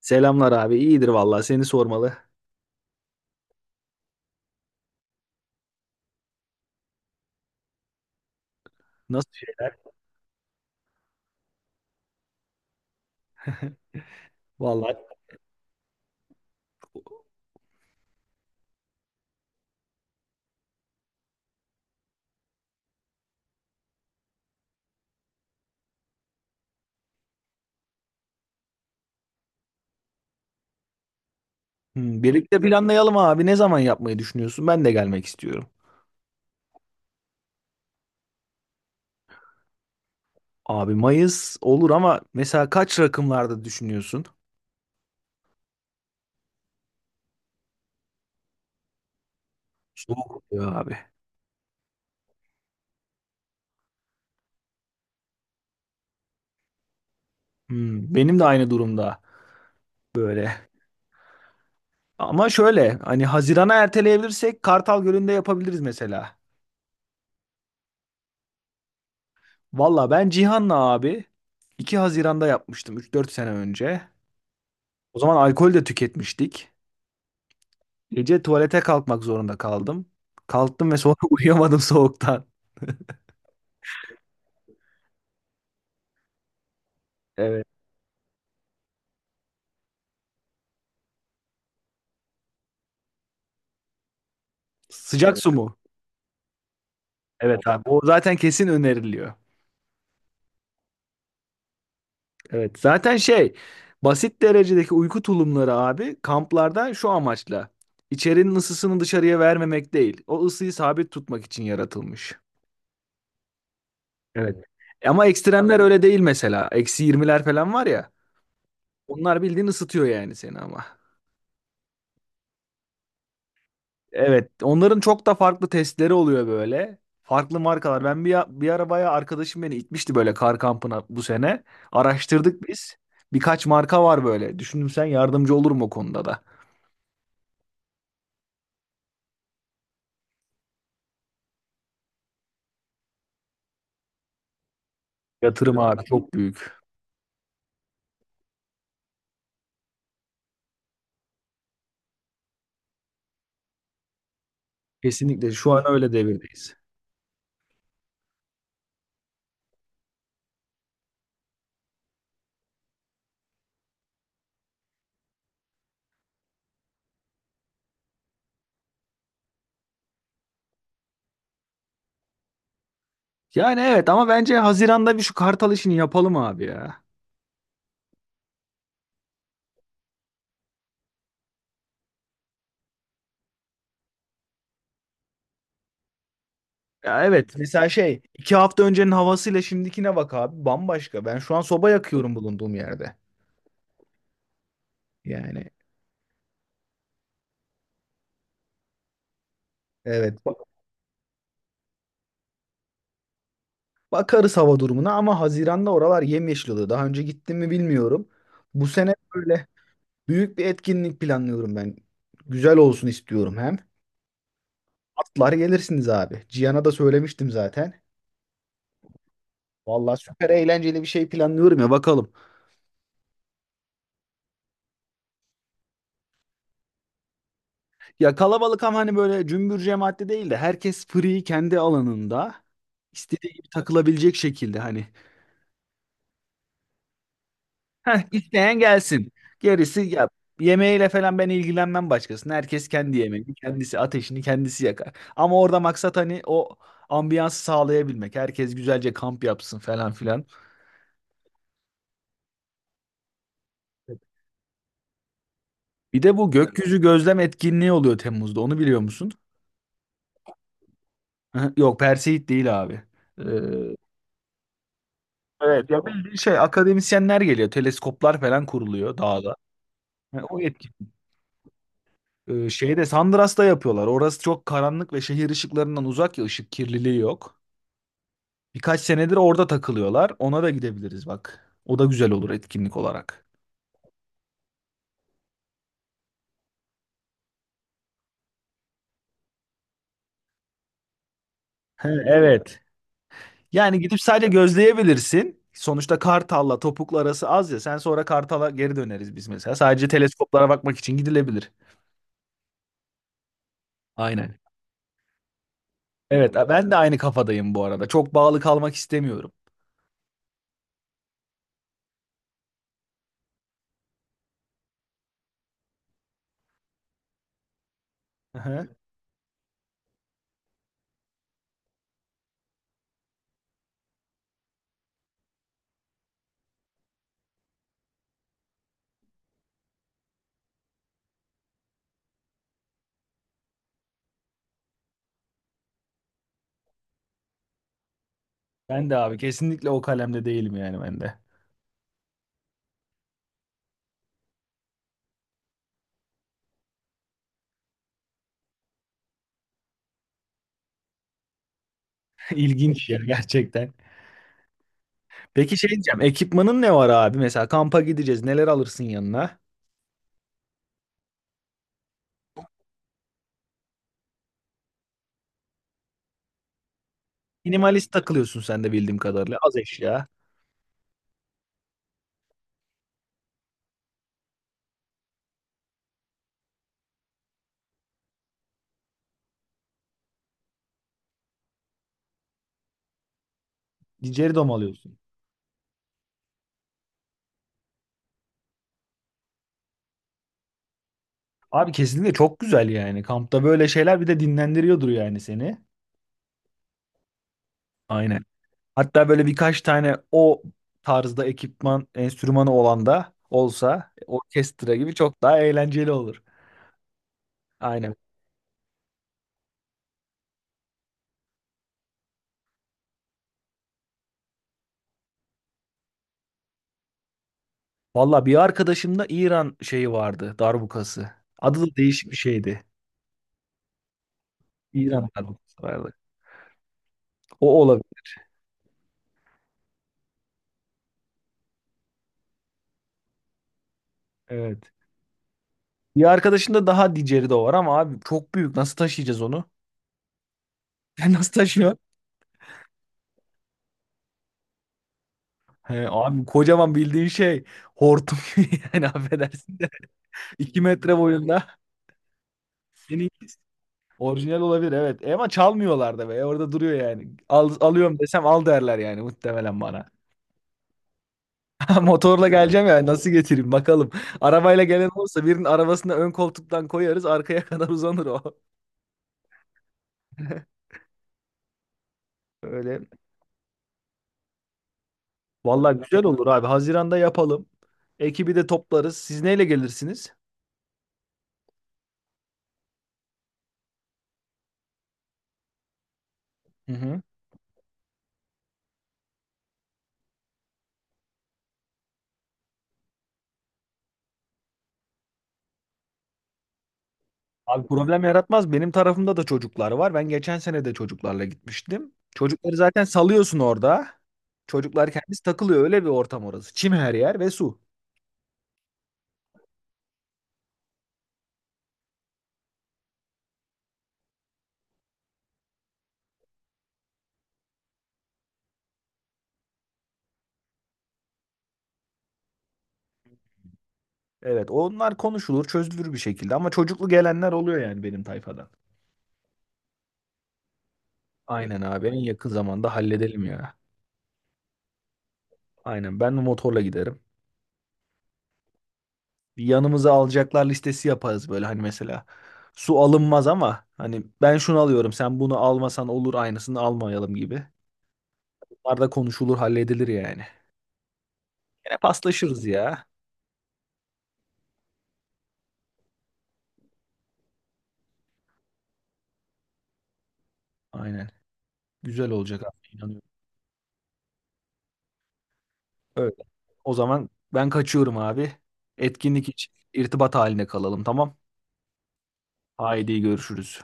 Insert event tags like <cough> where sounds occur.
Selamlar abi. İyidir vallahi seni sormalı. Nasıl şeyler? Vallahi. Hmm, birlikte planlayalım abi. Ne zaman yapmayı düşünüyorsun? Ben de gelmek istiyorum. Abi Mayıs olur ama mesela kaç rakımlarda düşünüyorsun? Soğuk oluyor abi. Hmm, benim de aynı durumda böyle. Ama şöyle hani Haziran'a erteleyebilirsek Kartal Gölü'nde yapabiliriz mesela. Valla ben Cihan'la abi 2 Haziran'da yapmıştım üç dört sene önce. O zaman alkol de tüketmiştik. Gece tuvalete kalkmak zorunda kaldım. Kalktım ve sonra <laughs> uyuyamadım soğuktan. Evet. Sıcak su mu? Evet abi. O zaten kesin öneriliyor. Evet. Zaten şey basit derecedeki uyku tulumları abi kamplarda şu amaçla. İçerinin ısısını dışarıya vermemek değil. O ısıyı sabit tutmak için yaratılmış. Evet. Ama ekstremler öyle değil mesela. Eksi 20'ler falan var ya. Onlar bildiğin ısıtıyor yani seni ama. Evet, onların çok da farklı testleri oluyor böyle. Farklı markalar. Ben bir arabaya arkadaşım beni itmişti böyle kar kampına bu sene. Araştırdık biz. Birkaç marka var böyle. Düşündüm sen yardımcı olur mu o konuda da? Yatırım abi çok büyük. Kesinlikle şu an öyle devirdeyiz. Yani evet ama bence Haziran'da bir şu Kartal işini yapalım abi ya. Ya evet mesela şey iki hafta öncenin havasıyla şimdikine bak abi bambaşka. Ben şu an soba yakıyorum bulunduğum yerde. Yani evet. Bakarız hava durumuna ama Haziran'da oralar yemyeşil oluyor. Daha önce gittim mi bilmiyorum. Bu sene böyle büyük bir etkinlik planlıyorum ben. Güzel olsun istiyorum hem. Atlar gelirsiniz abi. Cihan'a da söylemiştim zaten. Vallahi süper eğlenceli bir şey planlıyorum ya bakalım. Ya kalabalık ama hani böyle cümbür cemaatli değil de herkes free kendi alanında istediği gibi takılabilecek şekilde hani. Heh, isteyen gelsin. Gerisi ya yemeğiyle falan ben ilgilenmem başkasına. Herkes kendi yemeğini, kendisi ateşini kendisi yakar. Ama orada maksat hani o ambiyansı sağlayabilmek. Herkes güzelce kamp yapsın falan filan. Bir de bu gökyüzü gözlem etkinliği oluyor Temmuz'da. Onu biliyor musun? Hı, yok, Perseid değil abi. Ee, evet ya bildiğin şey akademisyenler geliyor. Teleskoplar falan kuruluyor dağda. Ha, o etki. Şeyde Sandras'ta yapıyorlar. Orası çok karanlık ve şehir ışıklarından uzak ya ışık kirliliği yok. Birkaç senedir orada takılıyorlar. Ona da gidebiliriz bak. O da güzel olur etkinlik olarak. He, evet. Yani gidip sadece gözleyebilirsin. Sonuçta Kartal'la Topuklu arası az ya. Sen sonra Kartal'a geri döneriz biz mesela. Sadece teleskoplara bakmak için gidilebilir. Aynen. Evet, ben de aynı kafadayım bu arada. Çok bağlı kalmak istemiyorum. Aha. Ben de abi kesinlikle o kalemde değilim yani ben de. <laughs> İlginç ya gerçekten. Peki şey diyeceğim, ekipmanın ne var abi? Mesela kampa gideceğiz, neler alırsın yanına? Minimalist takılıyorsun sen de bildiğim kadarıyla. Az eşya. Dom alıyorsun. Abi kesinlikle çok güzel yani. Kampta böyle şeyler bir de dinlendiriyordur yani seni. Aynen. Hatta böyle birkaç tane o tarzda ekipman, enstrümanı olan da olsa orkestra gibi çok daha eğlenceli olur. Aynen. Valla bir arkadaşımda İran şeyi vardı, darbukası. Adı da değişik bir şeydi. İran darbukası vardı. O olabilir. Evet. Bir arkadaşında daha diceri de var ama abi çok büyük. Nasıl taşıyacağız onu? <laughs> Sen nasıl taşıyor? He, abi kocaman bildiğin şey hortum <laughs> gibi yani affedersin de 2 m metre boyunda. Senin orijinal olabilir evet. E ama çalmıyorlar da be. E, orada duruyor yani. Al, alıyorum desem al derler yani muhtemelen bana. <laughs> Motorla geleceğim ya nasıl getireyim bakalım. Arabayla gelen olursa birinin arabasına ön koltuktan koyarız arkaya <laughs> kadar uzanır o. Öyle. Vallahi güzel olur abi. Haziran'da yapalım. Ekibi de toplarız. Siz neyle gelirsiniz? Hı hı. Abi problem yaratmaz. Benim tarafımda da çocuklar var. Ben geçen sene de çocuklarla gitmiştim. Çocukları zaten salıyorsun orada. Çocuklar kendisi takılıyor. Öyle bir ortam orası. Çim her yer ve su. Evet, onlar konuşulur, çözülür bir şekilde. Ama çocuklu gelenler oluyor yani benim tayfadan. Aynen abi, en yakın zamanda halledelim ya. Aynen, ben de motorla giderim. Bir yanımıza alacaklar listesi yaparız böyle hani mesela. Su alınmaz ama hani ben şunu alıyorum, sen bunu almasan olur aynısını almayalım gibi. Bunlar da konuşulur, halledilir yani. Yine paslaşırız ya. Aynen. Güzel olacak abi inanıyorum. Öyle. O zaman ben kaçıyorum abi. Etkinlik için irtibat haline kalalım tamam. Haydi görüşürüz.